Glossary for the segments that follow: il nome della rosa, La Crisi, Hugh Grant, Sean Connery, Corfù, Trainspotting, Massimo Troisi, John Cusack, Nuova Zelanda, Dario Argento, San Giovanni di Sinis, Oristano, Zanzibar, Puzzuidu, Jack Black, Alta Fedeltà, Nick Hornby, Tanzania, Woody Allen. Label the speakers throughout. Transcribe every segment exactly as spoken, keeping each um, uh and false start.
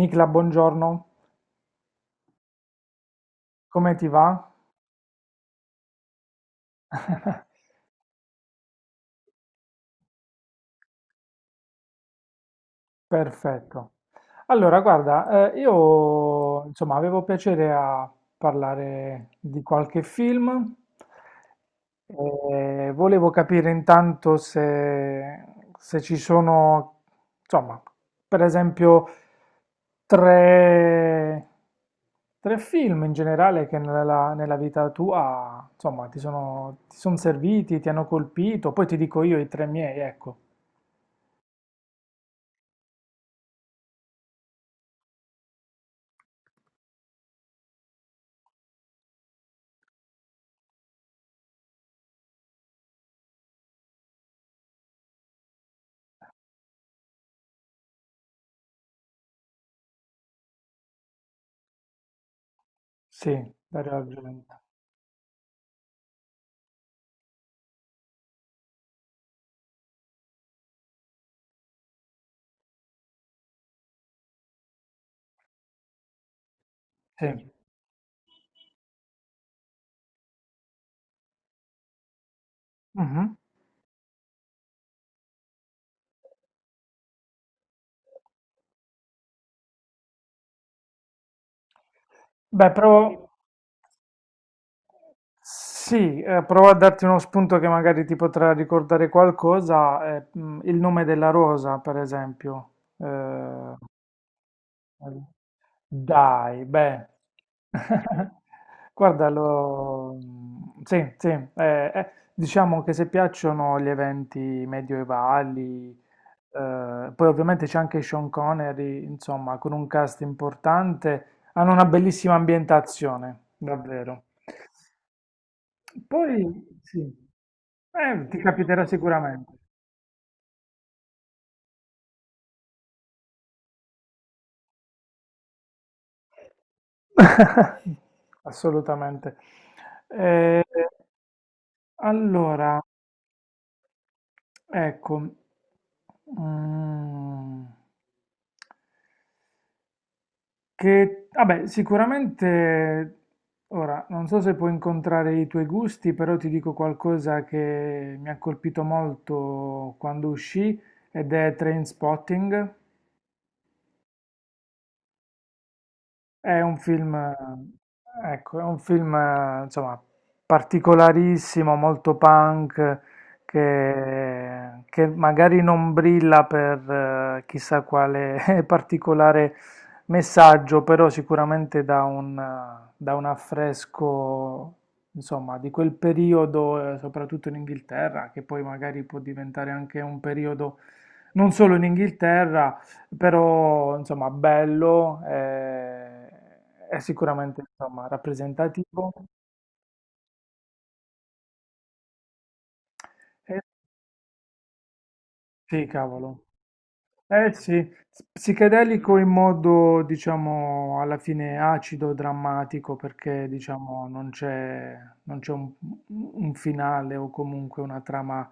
Speaker 1: Nicla, buongiorno, come ti va? Perfetto. Allora, guarda, eh, io insomma avevo piacere a parlare di qualche film e volevo capire intanto se, se ci sono, insomma, per esempio, tre, tre film in generale che nella, nella vita tua, insomma, ti sono, ti sono serviti, ti hanno colpito, poi ti dico io i tre miei, ecco. Sì, Dario Argento. Sì. Mhm. Beh, provo, sì, eh, provo a darti uno spunto che magari ti potrà ricordare qualcosa. eh, mm, Il nome della rosa, per esempio. Eh, Dai, beh, guarda, lo... Sì, sì, eh, eh, diciamo che se piacciono gli eventi medioevali, eh, poi ovviamente c'è anche Sean Connery, insomma, con un cast importante, hanno una bellissima ambientazione, davvero. Poi, sì, eh, ti capiterà sicuramente. Assolutamente. Eh, allora, ecco. Mhmm. Che vabbè, sicuramente ora non so se puoi incontrare i tuoi gusti, però ti dico qualcosa che mi ha colpito molto quando uscì ed è Trainspotting. È un film, eh, ecco, è un film, eh, insomma, particolarissimo, molto punk, che, che magari non brilla per eh, chissà quale particolare messaggio, però sicuramente dà un, eh, dà un affresco, insomma, di quel periodo, eh, soprattutto in Inghilterra, che poi magari può diventare anche un periodo non solo in Inghilterra, però insomma bello, eh, è sicuramente insomma, rappresentativo. Eh, sì, cavolo. Eh sì, s- psichedelico in modo diciamo alla fine acido, drammatico, perché diciamo non c'è non c'è un, un finale o comunque una trama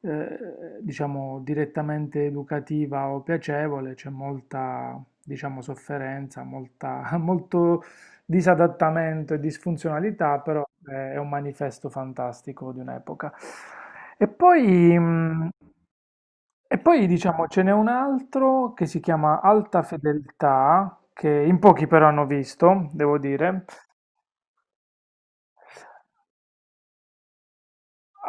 Speaker 1: eh, diciamo direttamente educativa o piacevole, c'è molta diciamo sofferenza, molta, molto disadattamento e disfunzionalità, però eh, è un manifesto fantastico di un'epoca. E poi, mh, e poi diciamo ce n'è un altro che si chiama Alta Fedeltà, che in pochi però hanno visto, devo dire.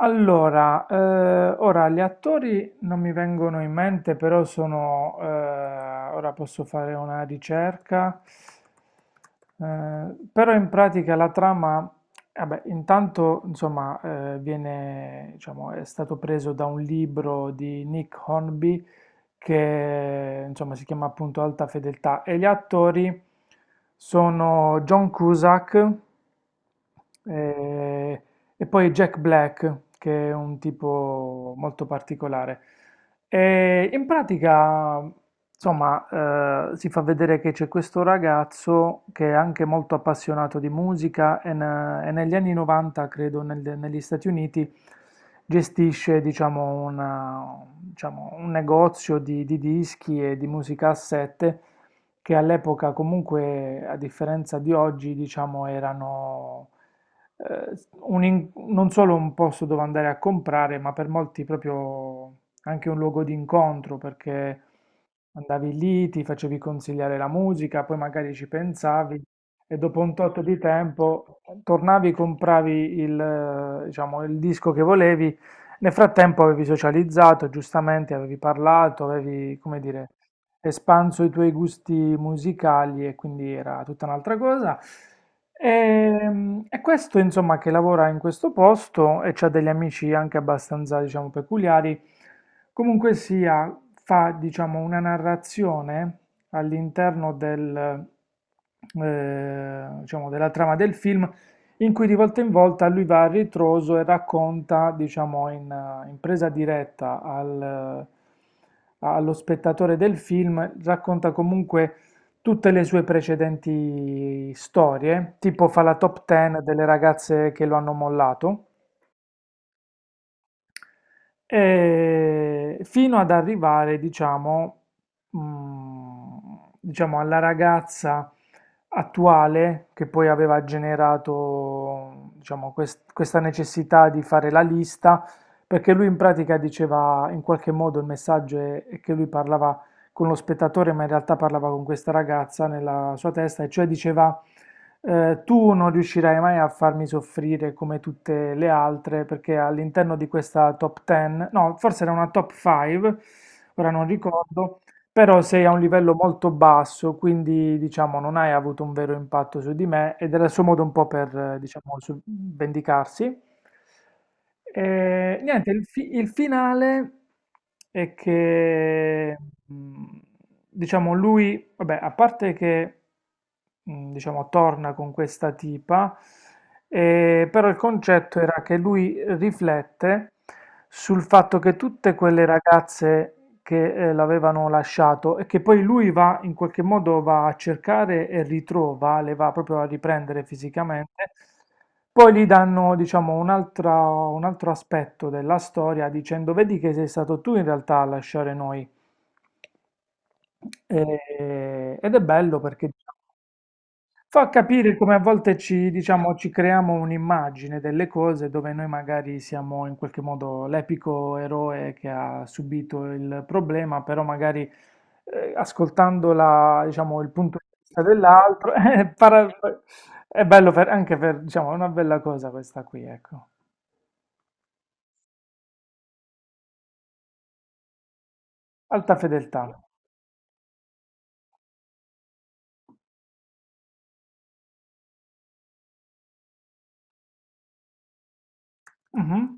Speaker 1: Allora, eh, ora gli attori non mi vengono in mente, però sono, eh, ora posso fare una ricerca. Eh, però in pratica la trama, vabbè, intanto, insomma, eh, viene, diciamo, è stato preso da un libro di Nick Hornby che, insomma, si chiama appunto Alta Fedeltà e gli attori sono John Cusack, eh, e poi Jack Black, che è un tipo molto particolare. E in pratica, insomma, eh, si fa vedere che c'è questo ragazzo che è anche molto appassionato di musica e, ne- e negli anni novanta, credo, nel- negli Stati Uniti, gestisce, diciamo, una- diciamo, un negozio di, di dischi e di musica a sette che all'epoca comunque, a differenza di oggi, diciamo, erano eh, un in- non solo un posto dove andare a comprare, ma per molti proprio anche un luogo di incontro, perché andavi lì, ti facevi consigliare la musica, poi magari ci pensavi e dopo un tot di tempo eh, tornavi, compravi il, eh, diciamo, il disco che volevi. Nel frattempo avevi socializzato, giustamente avevi parlato, avevi, come dire, espanso i tuoi gusti musicali e quindi era tutta un'altra cosa. E, e questo, insomma, che lavora in questo posto e c'ha degli amici anche abbastanza, diciamo, peculiari. Comunque sia, fa, diciamo, una narrazione all'interno del, eh, diciamo, della trama del film in cui di volta in volta lui va a ritroso e racconta, diciamo, in, eh, in presa diretta al, allo spettatore del film, racconta comunque tutte le sue precedenti storie, tipo fa la top dieci delle ragazze che lo hanno mollato eh, fino ad arrivare, diciamo, mm, diciamo, alla ragazza attuale che poi aveva generato, diciamo, quest- questa necessità di fare la lista, perché lui in pratica diceva, in qualche modo il messaggio è, è che lui parlava con lo spettatore, ma in realtà parlava con questa ragazza nella sua testa, e cioè diceva eh, tu non riuscirai mai a farmi soffrire come tutte le altre perché all'interno di questa top dieci, no, forse era una top cinque, ora non ricordo, però sei a un livello molto basso, quindi diciamo non hai avuto un vero impatto su di me ed era il suo modo un po' per, eh, diciamo, su- vendicarsi. E, niente, il, fi- il finale è che, mh, diciamo, lui, vabbè, a parte che, mh, diciamo, torna con questa tipa, eh, però il concetto era che lui riflette sul fatto che tutte quelle ragazze che eh, l'avevano lasciato e che poi lui va in qualche modo va a cercare e ritrova, le va proprio a riprendere fisicamente. Poi gli danno, diciamo, un'altra- un altro aspetto della storia dicendo: Vedi che sei stato tu in realtà a lasciare noi. Eh, ed è bello perché fa capire come a volte ci, diciamo, ci creiamo un'immagine delle cose dove noi magari siamo in qualche modo l'epico eroe che ha subito il problema, però magari eh, ascoltando la- diciamo, il punto di vista dell'altro eh, para- è bello per- anche per, diciamo, è una bella cosa questa qui, ecco. Alta fedeltà. Mhm.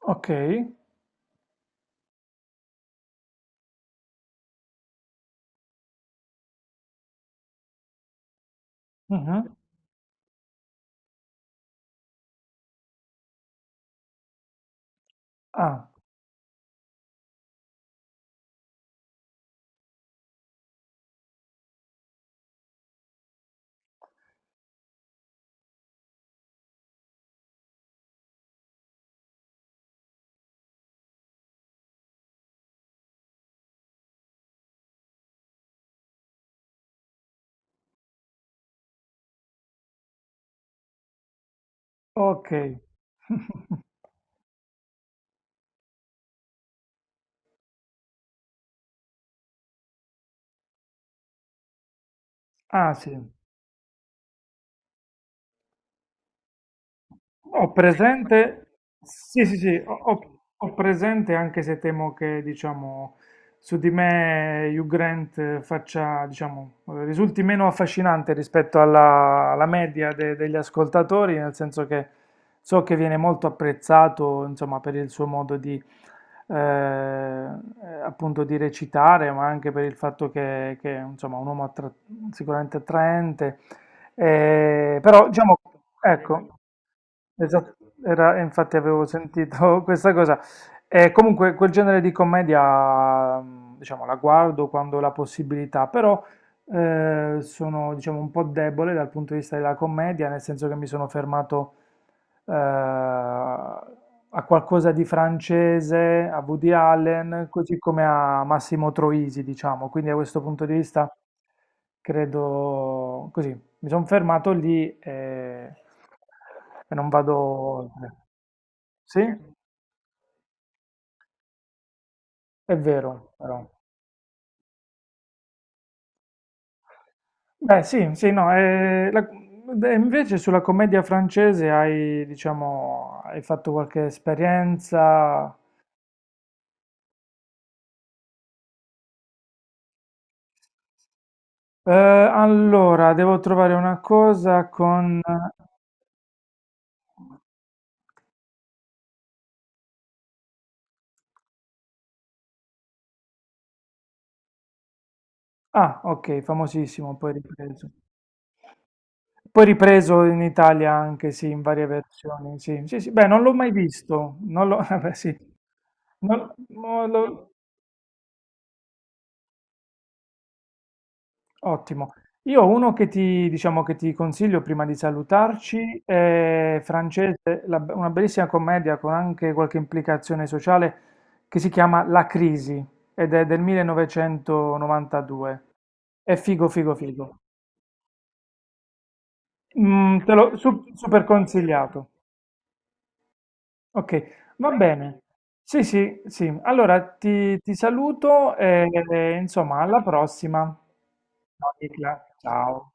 Speaker 1: Ok. Mhm. Ah, ok. Ah, sì. Ho presente, sì, sì, sì, ho, ho- ho presente anche se temo che, diciamo, su di me Hugh Grant eh, faccia, diciamo, eh, risulti meno affascinante rispetto alla, alla media de- degli ascoltatori, nel senso che so che viene molto apprezzato, insomma, per il suo modo di, eh, eh, appunto, di recitare, ma anche per il fatto che, che, insomma, è un uomo attra- sicuramente attraente. Eh, però, diciamo, ecco. Esatto, era, infatti avevo sentito questa cosa. E comunque quel genere di commedia, mm, diciamo, la guardo quando ho la possibilità, però eh, sono, diciamo, un po' debole dal punto di vista della commedia, nel senso che mi sono fermato eh, a qualcosa di francese, a Woody Allen, così come a Massimo Troisi, diciamo. Quindi da questo punto di vista credo così, mi sono fermato lì e, e non vado oltre. Sì, è vero, però. Beh, sì, sì, no, eh, la- e invece sulla commedia francese hai, diciamo, hai fatto qualche esperienza? Eh, allora, devo trovare una cosa con... Ah, ok, famosissimo, poi ripreso. Poi ripreso in Italia anche, sì, in varie versioni, sì. Sì, sì, beh, non l'ho mai visto, non l'ho, vabbè, sì. Non- non l'ho... Ottimo. Io ho uno che ti, diciamo, che ti consiglio prima di salutarci, è francese, la- una bellissima commedia con anche qualche implicazione sociale che si chiama La Crisi ed è del millenovecentonovantadue. È figo, figo, figo. Mm, te l'ho su- super consigliato. Ok, va bene. Sì, sì, sì. Allora ti, ti saluto e e, insomma alla prossima. Ciao, Nicla. Ciao.